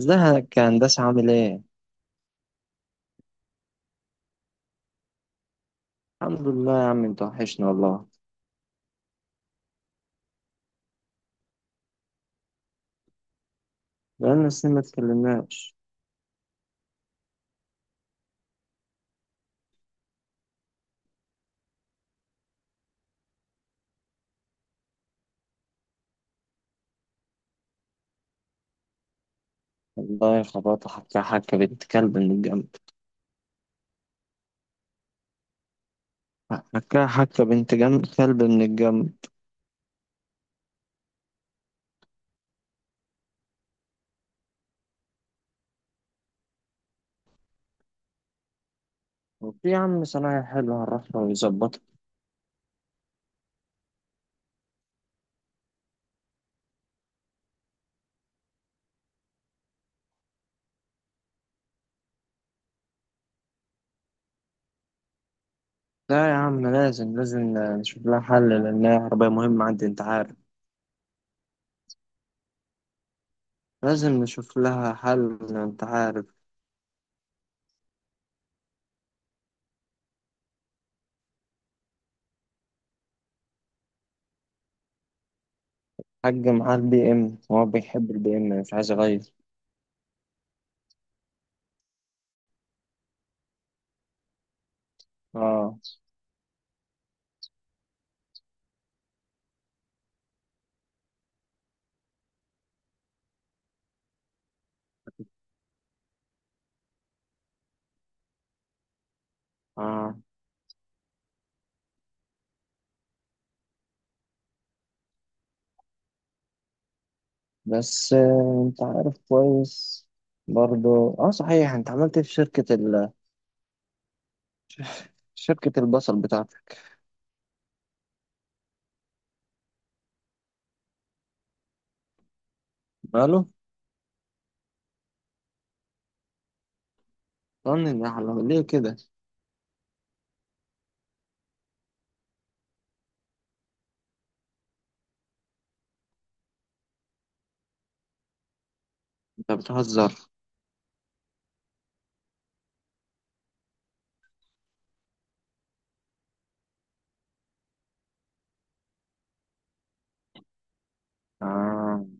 ازيك يا هندسة، عامل ايه؟ الحمد لله يا عم، انت وحشنا والله. بقالنا سنين ما اتكلمناش. والله خبطت حكا حكا بنت كلب من الجنب. حكا حكا بنت جنب كلب من الجنب. وفي يا عم صنايعي حلو، هنروح له ويظبطها. لا يا عم، لازم لازم نشوف لها حل لأنها عربية مهمة عندي، انت عارف. لازم نشوف لها حل، انت عارف. حاج معاه البي ام، هو بيحب البي ام مش عايز اغير. اه، اه، بس انت عارف كويس. برضو اه صحيح، انت عملت إيه في شركة شركة البصل بتاعتك؟ ماله؟ طن النحلة ليه كده؟ انت بتهزر. آه.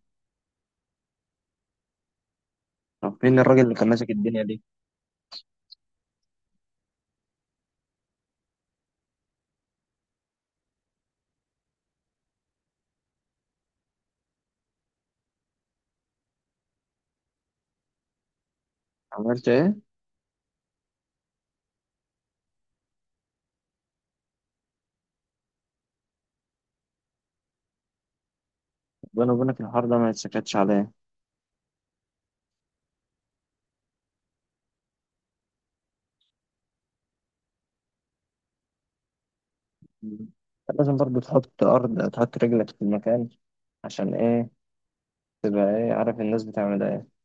طب فين الراجل اللي كان ماسك الدنيا دي؟ عملت ايه؟ ربنا وبينك، الحوار ده ما يتسكتش عليه. مم. لازم برضو تحط أرض، تحط رجلك في المكان. عشان ايه؟ تبقى ايه، عارف الناس بتعمل ايه.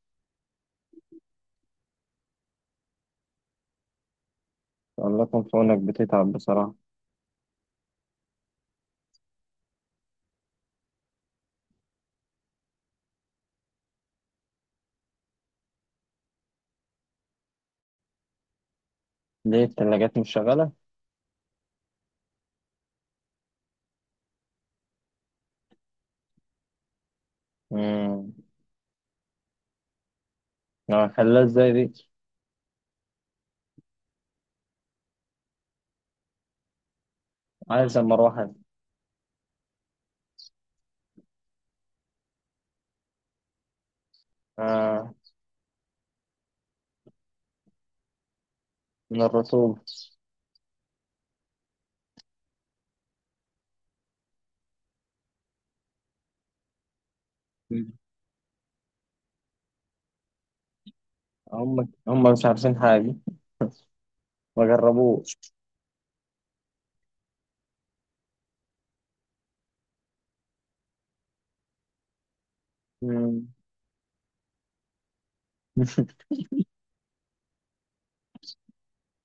والله يكون في عونك، بتتعب بصراحة. ليه التلاجات مش شغالة؟ امم خلاها ازاي دي؟ عايز مروحة من الرسول. هم مش عارفين حاجة، ما جربوش. مم.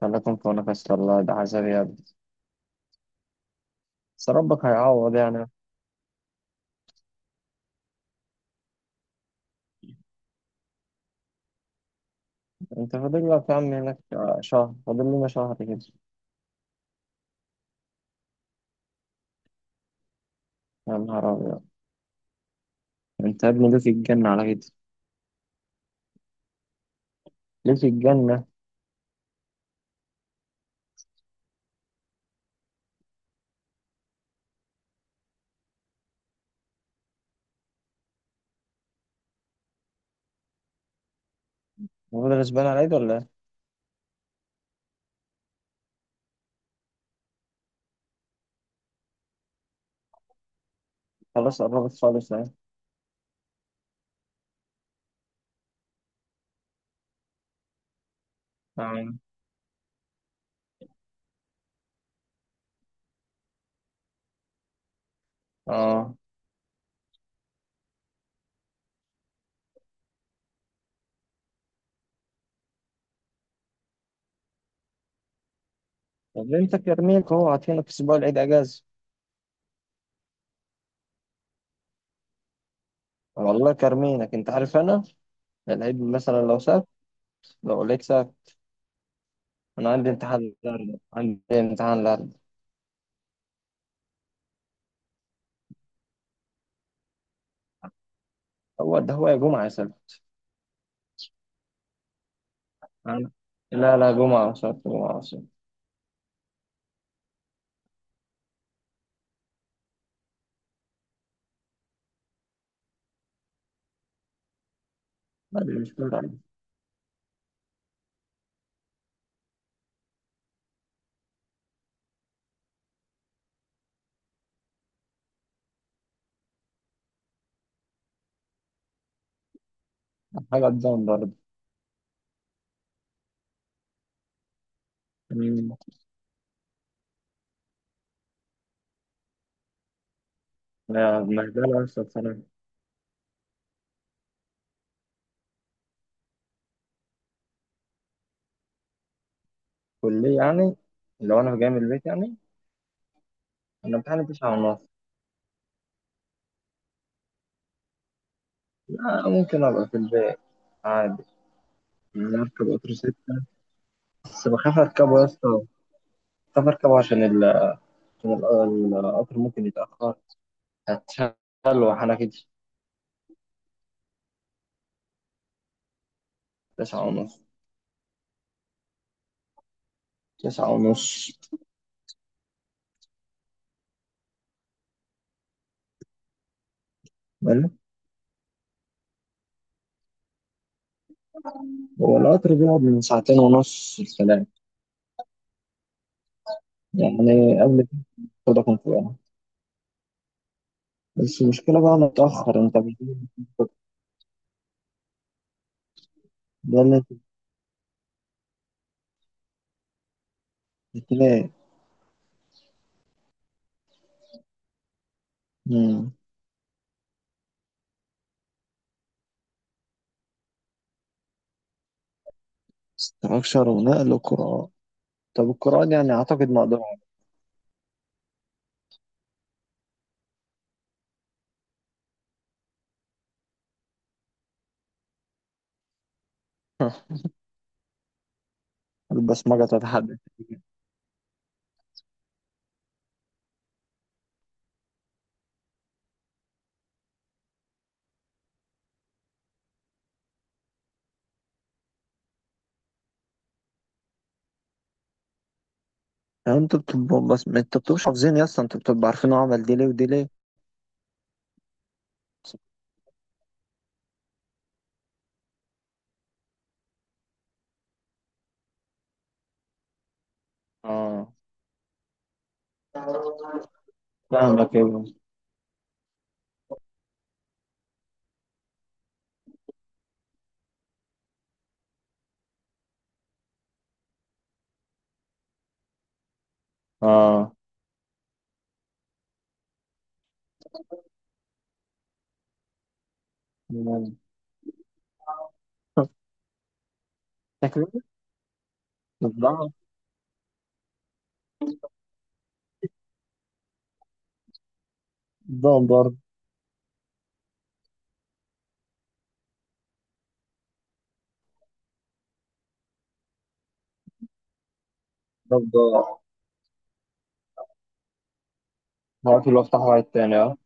خليكم في نفس الله، ده عذاب يا ابني، بس ربك هيعوض يعني. انت فاضل لك يا عم هناك شهر، فاضل لنا شهر كده. يا نهار ابيض، انت يا ابني ليه في الجنة على كده؟ ليه في الجنة؟ المفروض غصبان على ايد ولا ايه؟ خلاص قربت خالص اهي. اه، اه. طب انت كارمينك اهو عاطينك اسبوع العيد اجازة؟ والله كارمينك، انت عارف انا، العيد مثلا لو سبت، لو لقيت سبت. انا عندي امتحان النهارده، عندي امتحان. هو ده هو، يا جمعة يا سيدي. أنا- لا لا، جمعة وسبت، جمعة وسبت. لا، دي مش كل حاجة قدام برضه. أمم. لا، بهدلة بس بصراحة. كلية يعني، لو أنا جاي من البيت يعني. أنا امتحاني 9:30. لا، ممكن أبقى في البيت عادي. يعني أركب قطر 6. بس بخاف أركبه يا اسطى. بخاف أركبه القطر ممكن يتأخر، هتشغل وأنا كده. 9:30، 9:30. حلو؟ هو القطر بيقعد من ساعتين ونص الكلام، يعني قبل ده كان فوقها. بس المشكلة بقى أنا متأخر أنت مش. ده اللي أنت بتلاقي. مم. استراكشر ونقل وقراءة. طب القراءة دي يعني أعتقد مقدور عليها. البصمجة تتحدد. يعني أنت بتبقى، بس ما أنت بتبقى حافظين يا اسطى، أنت بتبقى عارفين هو عمل دي ليه ودي ليه. اه. فاهمك أيوه. اه. مم. شكله. ده ده برضه. ده عارف اللي هو افتح واحد تاني. اه.